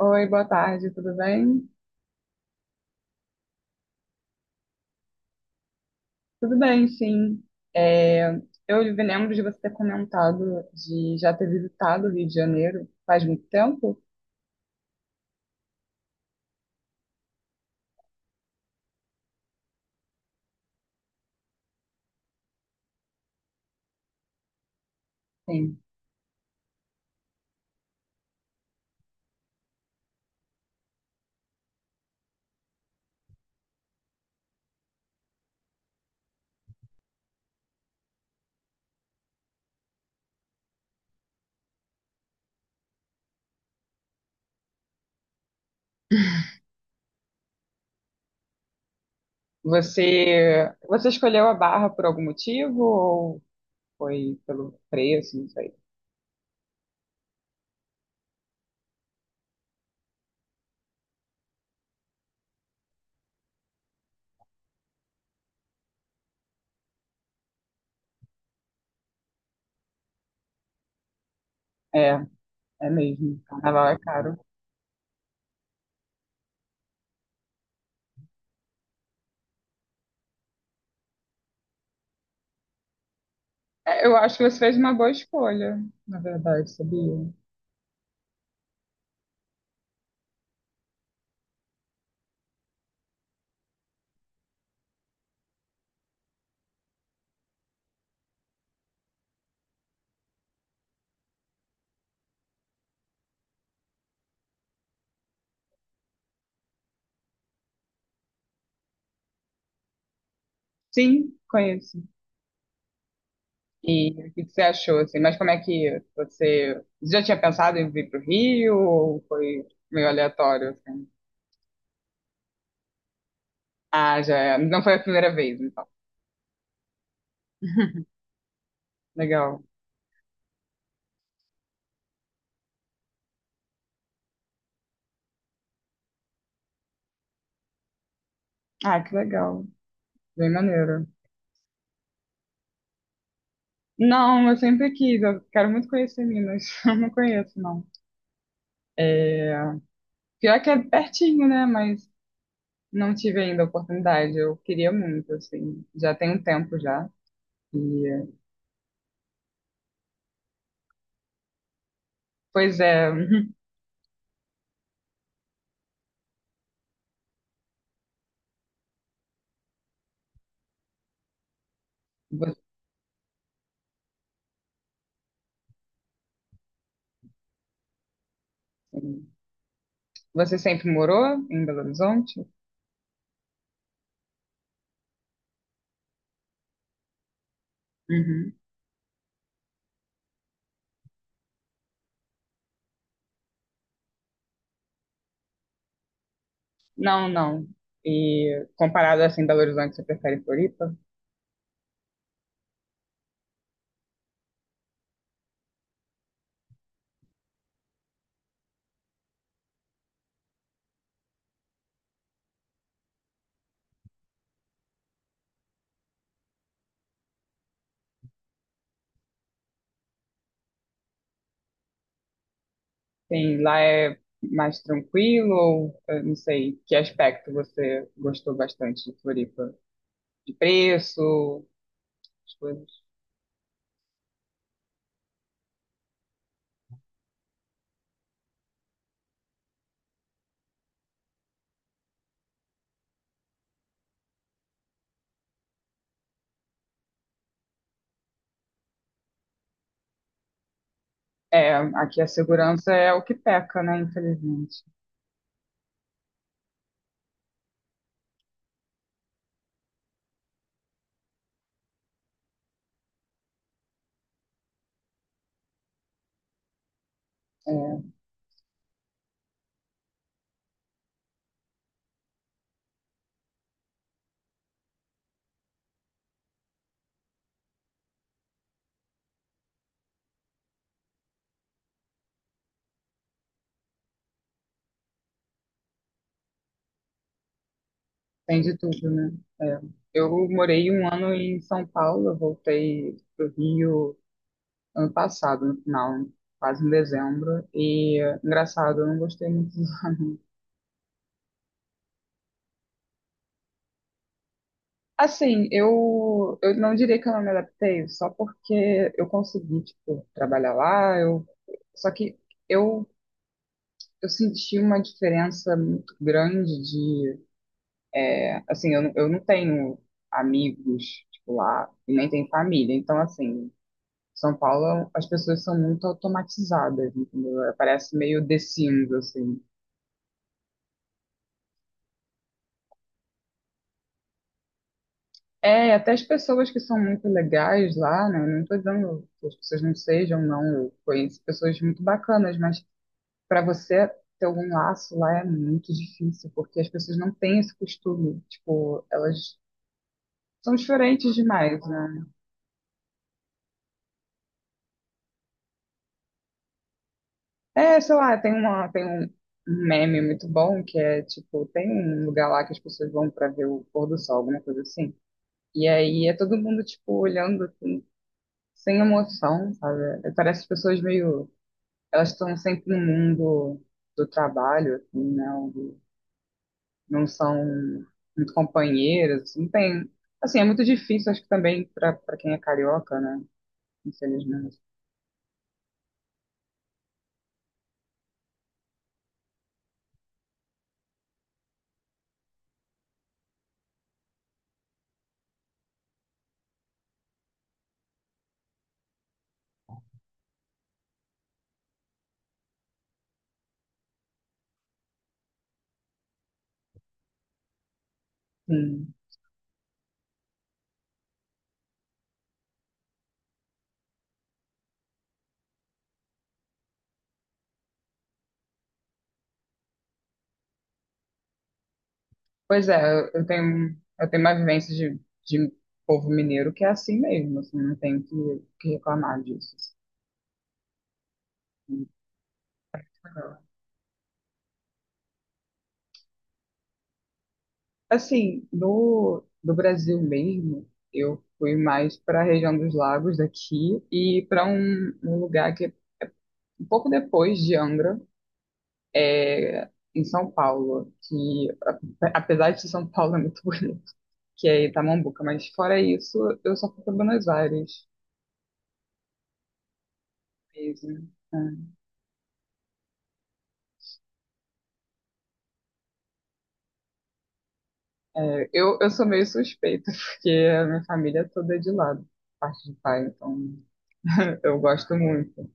Oi, boa tarde, tudo bem? Tudo bem, sim. É, eu lembro de você ter comentado de já ter visitado o Rio de Janeiro faz muito tempo? Sim. Você escolheu a Barra por algum motivo ou foi pelo preço? Não sei. É, é mesmo. Carnaval é caro. É, eu acho que você fez uma boa escolha, na verdade, sabia? Sim, conheço. E o que que você achou, assim? Mas como é que você. Você já tinha pensado em vir pro Rio ou foi meio aleatório, assim? Ah, já é. Não foi a primeira vez, então. Legal. Ah, que legal. Bem maneiro. Não, eu sempre quis. Eu quero muito conhecer Minas. Eu não conheço, não. É. Pior que é pertinho, né? Mas não tive ainda a oportunidade. Eu queria muito, assim. Já tem um tempo já. E. Pois é. Você, você sempre morou em Belo Horizonte? Uhum. Não, não. E comparado assim, Belo Horizonte, você prefere Floripa? Sim, lá é mais tranquilo ou eu não sei, que aspecto você gostou bastante de Floripa? De preço, as coisas. É, aqui a segurança é o que peca, né? Infelizmente. É, tem de tudo, né? É. Eu morei um ano em São Paulo, eu voltei pro Rio ano passado, no final, quase em dezembro. E engraçado, eu não gostei muito. Assim, eu não diria que eu não me adaptei, só porque eu consegui, tipo, trabalhar lá, eu, só que eu, eu, senti uma diferença muito grande de, assim, eu, eu não tenho amigos, tipo, lá, e nem tenho família, então, assim, São Paulo, as pessoas são muito automatizadas, entendeu? Parece meio The Sims, assim. É, até as pessoas que são muito legais lá, né? Não tô dizendo que as pessoas não sejam, não. Eu conheço pessoas muito bacanas, mas para você ter algum laço lá é muito difícil, porque as pessoas não têm esse costume. Tipo, elas são diferentes demais, né? É, sei lá, tem uma, tem um meme muito bom que é tipo, tem um lugar lá que as pessoas vão para ver o pôr do sol, alguma coisa assim. E aí é todo mundo, tipo, olhando assim, sem emoção, sabe? É, parece as pessoas meio. Elas estão sempre no mundo do trabalho, assim, né? Não são muito companheiras, assim, não tem. Assim, é muito difícil, acho que também para quem é carioca, né? Infelizmente. Sim. Pois é, eu tenho uma vivência de povo mineiro que é assim mesmo, assim, não tem que reclamar disso. Assim. Assim, no Brasil mesmo, eu fui mais para a região dos lagos daqui e para um lugar que é um pouco depois de Angra, é, em São Paulo, que apesar de São Paulo é muito bonito, que é Itamambuca, mas fora isso, eu só fui para Buenos Aires mesmo. Eu sou meio suspeita, porque a minha família toda é de lá, parte de pai, então eu gosto muito.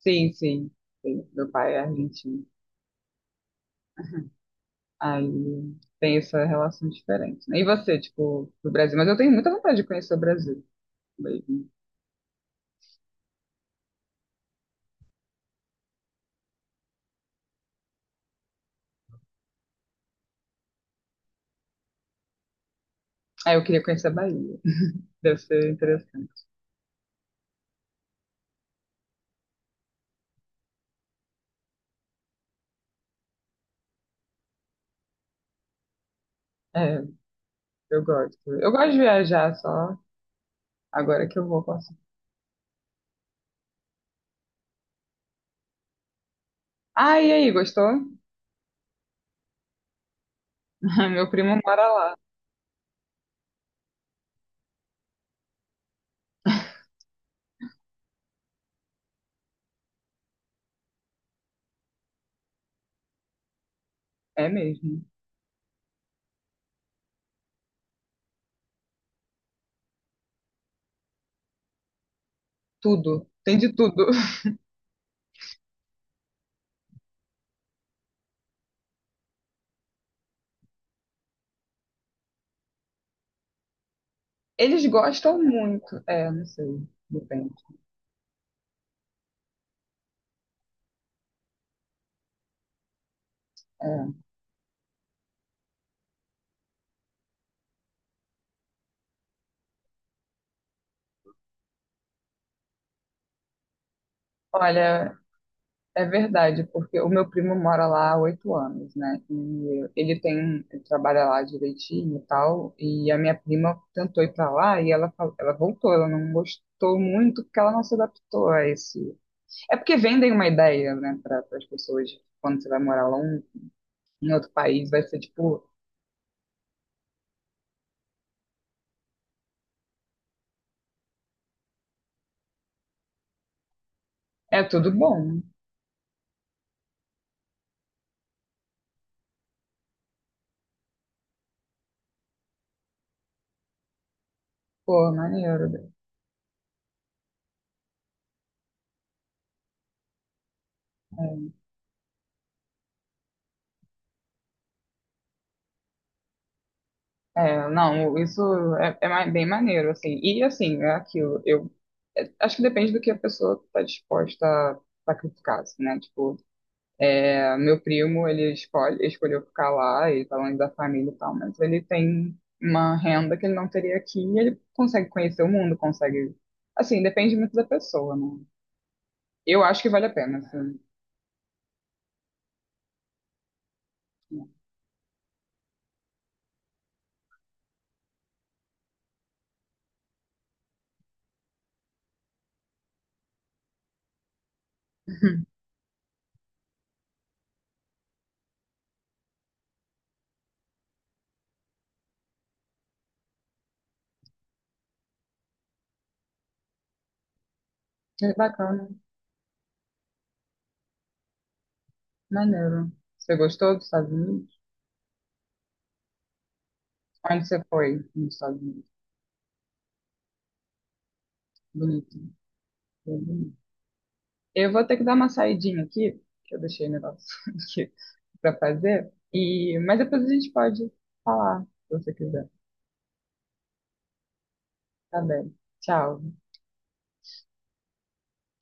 Sim, sim, sim, meu pai é argentino. Aí tem essa relação diferente, né? E você, tipo, do Brasil? Mas eu tenho muita vontade de conhecer o Brasil mesmo. Aí eu queria conhecer a Bahia. Deve ser interessante. É, eu gosto. Eu gosto de viajar só agora que eu vou passar. Ah, e aí, gostou? Meu primo mora lá. É mesmo. Tudo. Tem de tudo. Eles gostam muito. É, não sei. Depende. É. Olha, é verdade, porque o meu primo mora lá há 8 anos, né? E ele ele trabalha lá direitinho e tal. E a minha prima tentou ir pra lá e ela, ela voltou. Ela não gostou muito porque ela não se adaptou a esse. É porque vendem uma ideia, né, para as pessoas, tipo, quando você vai morar lá em outro país, vai ser tipo, é tudo bom, pô, maneiro, né? É, é, não, isso é bem maneiro, assim. E assim, é aquilo, eu acho que depende do que a pessoa está disposta a sacrificar, assim, né? Tipo, meu primo, ele escolheu ficar lá e tá longe da família e tal, mas ele tem uma renda que ele não teria aqui e ele consegue conhecer o mundo, consegue. Assim, depende muito da pessoa, né? Eu acho que vale a pena, assim. É bacana, maneiro. Você gostou dos Estados Unidos? Onde você foi nos Estados Unidos? Bonito. Bem bonito. Eu vou ter que dar uma saidinha aqui, que eu deixei o negócio aqui para fazer. E. Mas depois a gente pode falar, se você quiser. Tá bem. Tchau.